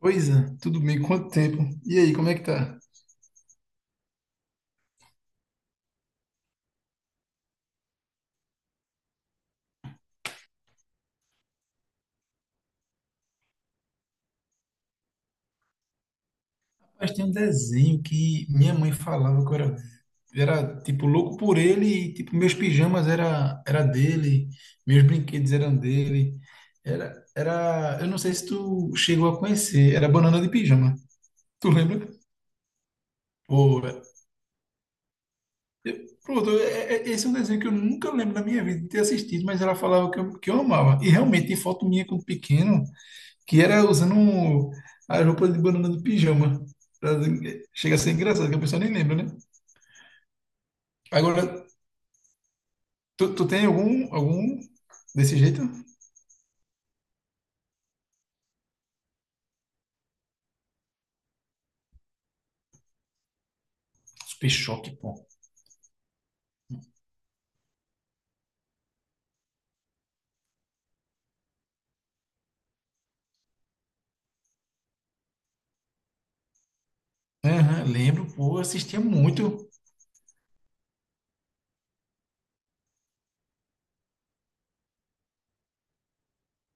Pois é, tudo bem, quanto tempo? E aí, como é que tá? Mas tem um desenho que minha mãe falava que eu era tipo louco por ele, e tipo meus pijamas era dele, meus brinquedos eram dele. Eu não sei se tu chegou a conhecer, era Banana de Pijama. Tu lembra? Pô, velho. Pronto, esse é um desenho que eu nunca lembro da minha vida de ter assistido, mas ela falava que eu amava. E realmente tem foto minha quando pequeno que era usando as roupas de Banana de Pijama. Pra- Chega a ser engraçado, que a pessoa nem lembra, né? Agora, tu tem algum desse jeito? Super Choque, pô. Aham, lembro, pô, assistia muito.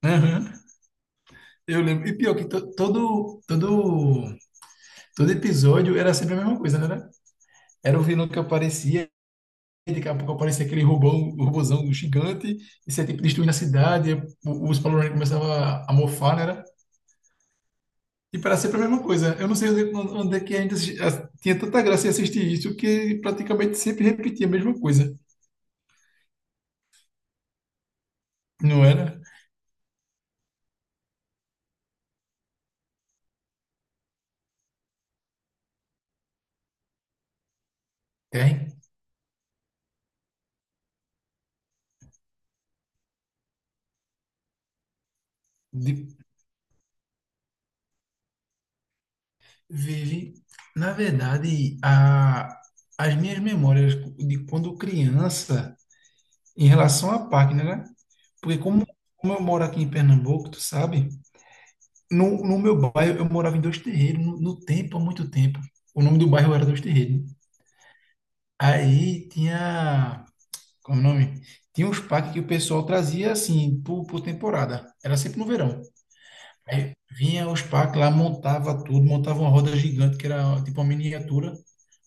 Aham, eu lembro. E pior que todo episódio era sempre a mesma coisa, né? Era o vilão que aparecia, e daqui a pouco aparecia aquele robozão gigante, e você, tipo, destruindo a cidade, e os Power Rangers começavam a mofar, né? E para sempre a mesma coisa. Eu não sei onde é que ainda tinha tanta graça em assistir isso, que praticamente sempre repetia a mesma coisa. Não era? Tem. De- Vive. Na verdade, as minhas memórias de quando criança, em relação à Páquina, né? Porque como eu moro aqui em Pernambuco, tu sabe? No meu bairro, eu morava em Dois Terreiros, no tempo, há muito tempo. O nome do bairro era Dois Terreiros. Aí tinha. Como é o nome? Tinha uns packs que o pessoal trazia assim, por temporada. Era sempre no verão. Aí vinha os packs lá, montava tudo, montava uma roda gigante, que era tipo uma miniatura.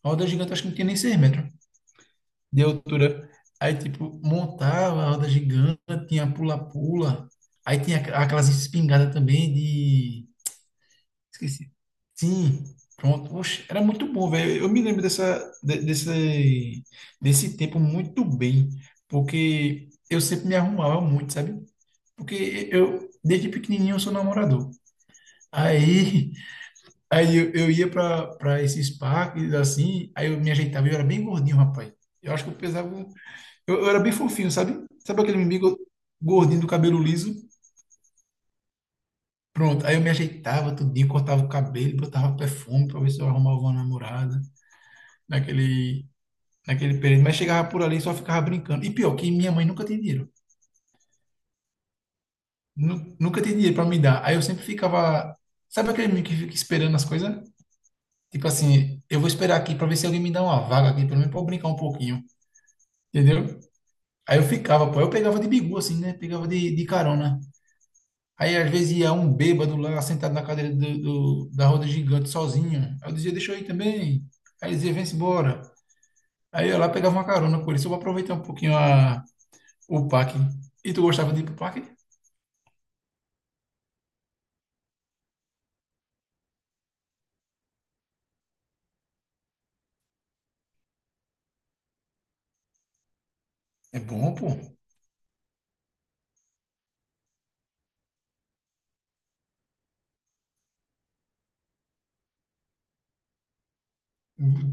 A roda gigante acho que não tinha nem 6 metros de altura. Aí, tipo, montava a roda gigante, tinha pula-pula. Aí tinha aquelas espingardas também de, esqueci. Sim, pronto. Oxe, era muito bom, velho. Eu me lembro desse, desse tempo muito bem, porque eu sempre me arrumava muito, sabe? Porque eu, desde pequenininho, eu sou namorador. Aí, aí eu ia para esses parques, assim, aí eu me ajeitava, eu era bem gordinho, rapaz. Eu acho que eu pesava, eu era bem fofinho, sabe? Sabe aquele amigo gordinho do cabelo liso? Pronto, aí eu me ajeitava tudinho, cortava o cabelo, botava perfume para ver se eu arrumava uma namorada. Naquele, naquele período, mas chegava por ali e só ficava brincando. E pior, que minha mãe nunca tinha dinheiro. Nunca tinha dinheiro para me dar. Aí eu sempre ficava. Sabe aquele menino que fica esperando as coisas? Tipo assim, eu vou esperar aqui para ver se alguém me dá uma vaga aqui, pelo menos para eu brincar um pouquinho. Entendeu? Aí eu ficava, pô. Eu pegava de bigu, assim, né? Pegava de carona. Aí às vezes ia um bêbado lá sentado na cadeira da roda gigante sozinho. Aí eu dizia, deixa eu ir também. Aí ele dizia, vem-se embora. Aí eu lá pegava uma carona com ele, só para aproveitar um pouquinho a, o Pac. E tu gostava de ir pro Pac? É bom, pô.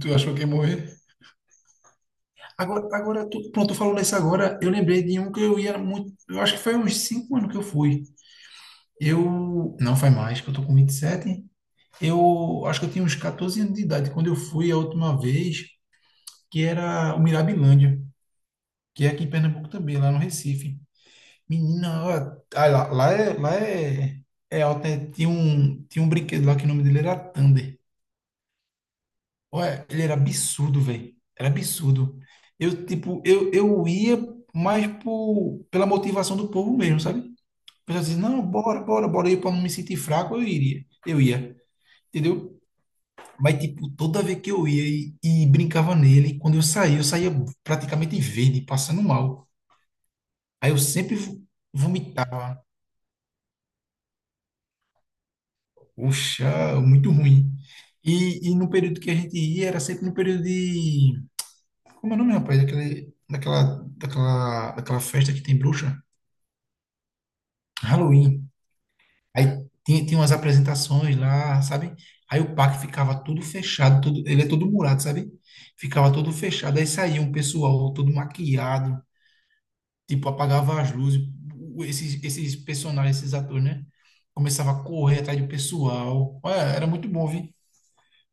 Tu achou que ia morrer? Agora, tu, pronto, tu falou nisso agora. Eu lembrei de um que eu ia muito. Eu acho que foi uns 5 anos que eu fui. Eu. Não faz mais, que eu tô com 27. Eu acho que eu tinha uns 14 anos de idade quando eu fui a última vez, que era o Mirabilândia, que é aqui em Pernambuco também, lá no Recife. Menina, ó, ah, lá é, é alto, né? Tinha um brinquedo lá que o nome dele era Thunder. Ué, ele era absurdo, velho. Era absurdo. Eu ia mais pela motivação do povo mesmo, sabe? O pessoal dizia, não, bora, bora, bora. Eu, pra não me sentir fraco, eu iria. Eu ia, entendeu? Mas, tipo, toda vez que eu ia e brincava nele, quando eu saía praticamente verde, passando mal. Aí eu sempre vomitava. Poxa, muito ruim. E no período que a gente ia, era sempre no período de, como é o nome, rapaz? Daquele, daquela festa que tem bruxa? Halloween. Aí tinha umas apresentações lá, sabe? Aí o parque ficava tudo fechado, tudo, ele é todo murado, sabe? Ficava todo fechado. Aí saía um pessoal todo maquiado, tipo, apagava as luzes. Esses personagens, esses atores, né? Começava a correr atrás do pessoal. Olha, era muito bom, viu?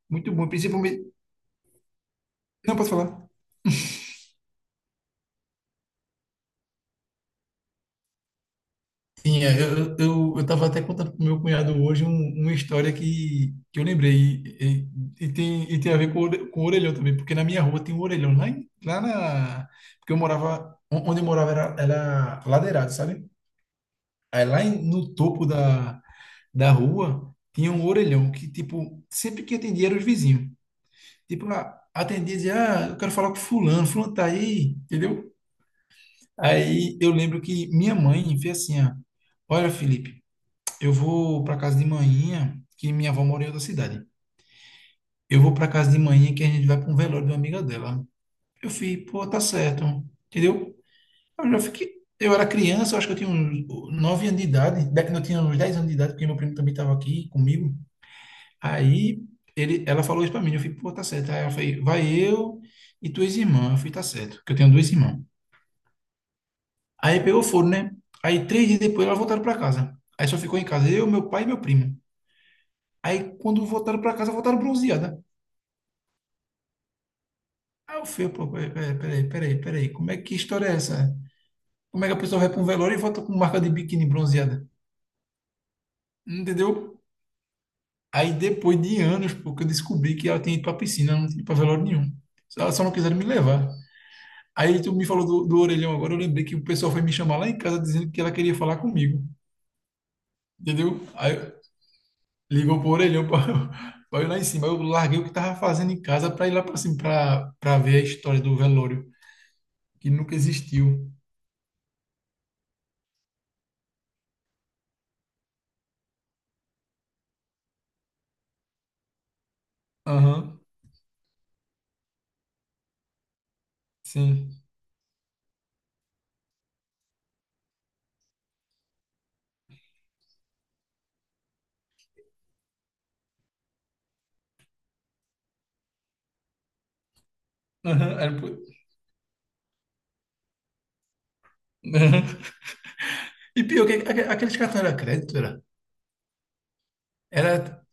Muito bom. Principalmente. Não, posso falar. Sim, é, eu tava até contando pro meu cunhado hoje uma história que eu lembrei e tem a ver com, com o orelhão também, porque na minha rua tem um orelhão lá, lá na... Porque eu morava, onde eu morava era, era ladeirado, sabe? Aí no topo da rua tinha um orelhão que, tipo, sempre que atendia era os vizinhos. Tipo, ah, atendia e dizia, ah, eu quero falar com fulano, fulano tá aí, entendeu? Aí eu lembro que minha mãe fez assim, ó, olha, Felipe, eu vou para casa de manhã, que minha avó mora em outra cidade. Eu vou para casa de manhã que a gente vai para um velório de uma amiga dela. Eu fui, pô, tá certo, entendeu? Eu já fiquei. Eu era criança, eu acho que eu tinha uns 9 anos de idade, não, eu tinha uns 10 anos de idade, porque meu primo também estava aqui comigo. Aí ela falou isso para mim, eu fui, pô, tá certo. Aí ela foi, vai eu e tuas irmãs. Eu fui, tá certo, que eu tenho dois irmãos. Aí pegou fogo, né? Aí três dias depois elas voltaram para casa. Aí só ficou em casa eu, meu pai e meu primo. Aí quando voltaram para casa, voltaram bronzeados. Aí eu fui, pô, peraí, como é que história é essa? Como é que a pessoa vai para um velório e volta com marca de biquíni bronzeada? Entendeu? Aí depois de anos, pô, que eu descobri que ela tinha ido para piscina, ela não tinha ido para velório nenhum. Ela só não quiseram me levar. Aí tu me falou do orelhão agora, eu lembrei que o pessoal foi me chamar lá em casa dizendo que ela queria falar comigo. Entendeu? Aí ligou pro orelhão para eu ir lá em cima. Aí eu larguei o que tava fazendo em casa para ir lá para cima, para ver a história do velório, que nunca existiu. Aham, sim. Aham, era por- E pior, que aqueles cartões era crédito, era? Era.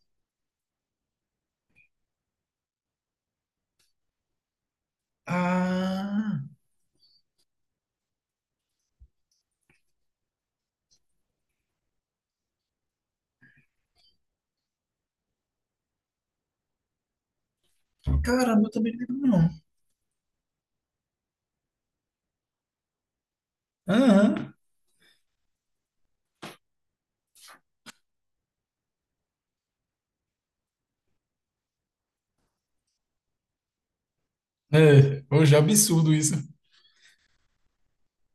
Ah, caramba, eu também não lembro, não. Aham. É, hoje é absurdo isso.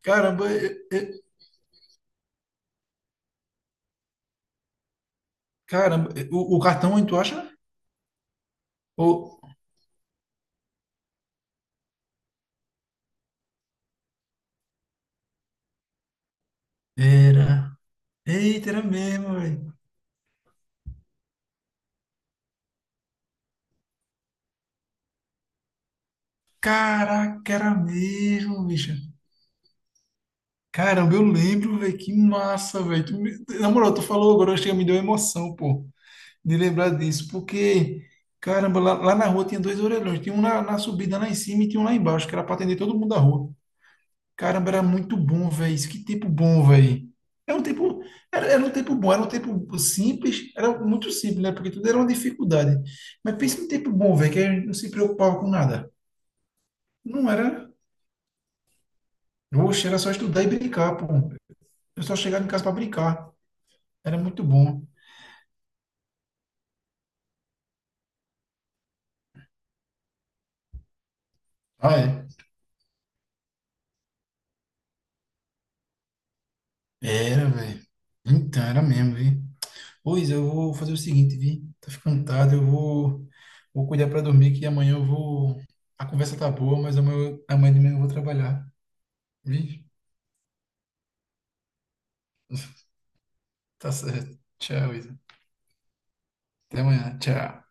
Caramba, caramba, é, o cartão, hein, tu acha? Ou. Era. Eita, era mesmo, velho. Caraca, era mesmo, bicho. Caramba, eu lembro, velho, que massa, velho. Na moral, tu falou agora, chega, me deu emoção, pô, de lembrar disso, porque, caramba, lá na rua tinha dois orelhões, tinha um na subida lá em cima, e tinha um lá embaixo, que era para atender todo mundo da rua. Caramba, era muito bom, velho. Isso que tempo bom, velho. Era um tempo, era um tempo bom, era um tempo simples, era muito simples, né? Porque tudo era uma dificuldade. Mas pensa num tempo bom, velho, que a gente não se preocupava com nada. Não era, oxe, era só estudar e brincar, pô. Eu só chegava em casa para brincar. Era muito bom. Ah, é. Era, velho. Então, era mesmo, viu? Pois eu vou fazer o seguinte, vi, tá ficando tarde, vou cuidar para dormir que amanhã eu vou. A conversa tá boa, mas amanhã de manhã eu vou trabalhar, vi? Tá certo. Tchau, Isa. Até amanhã. Tchau.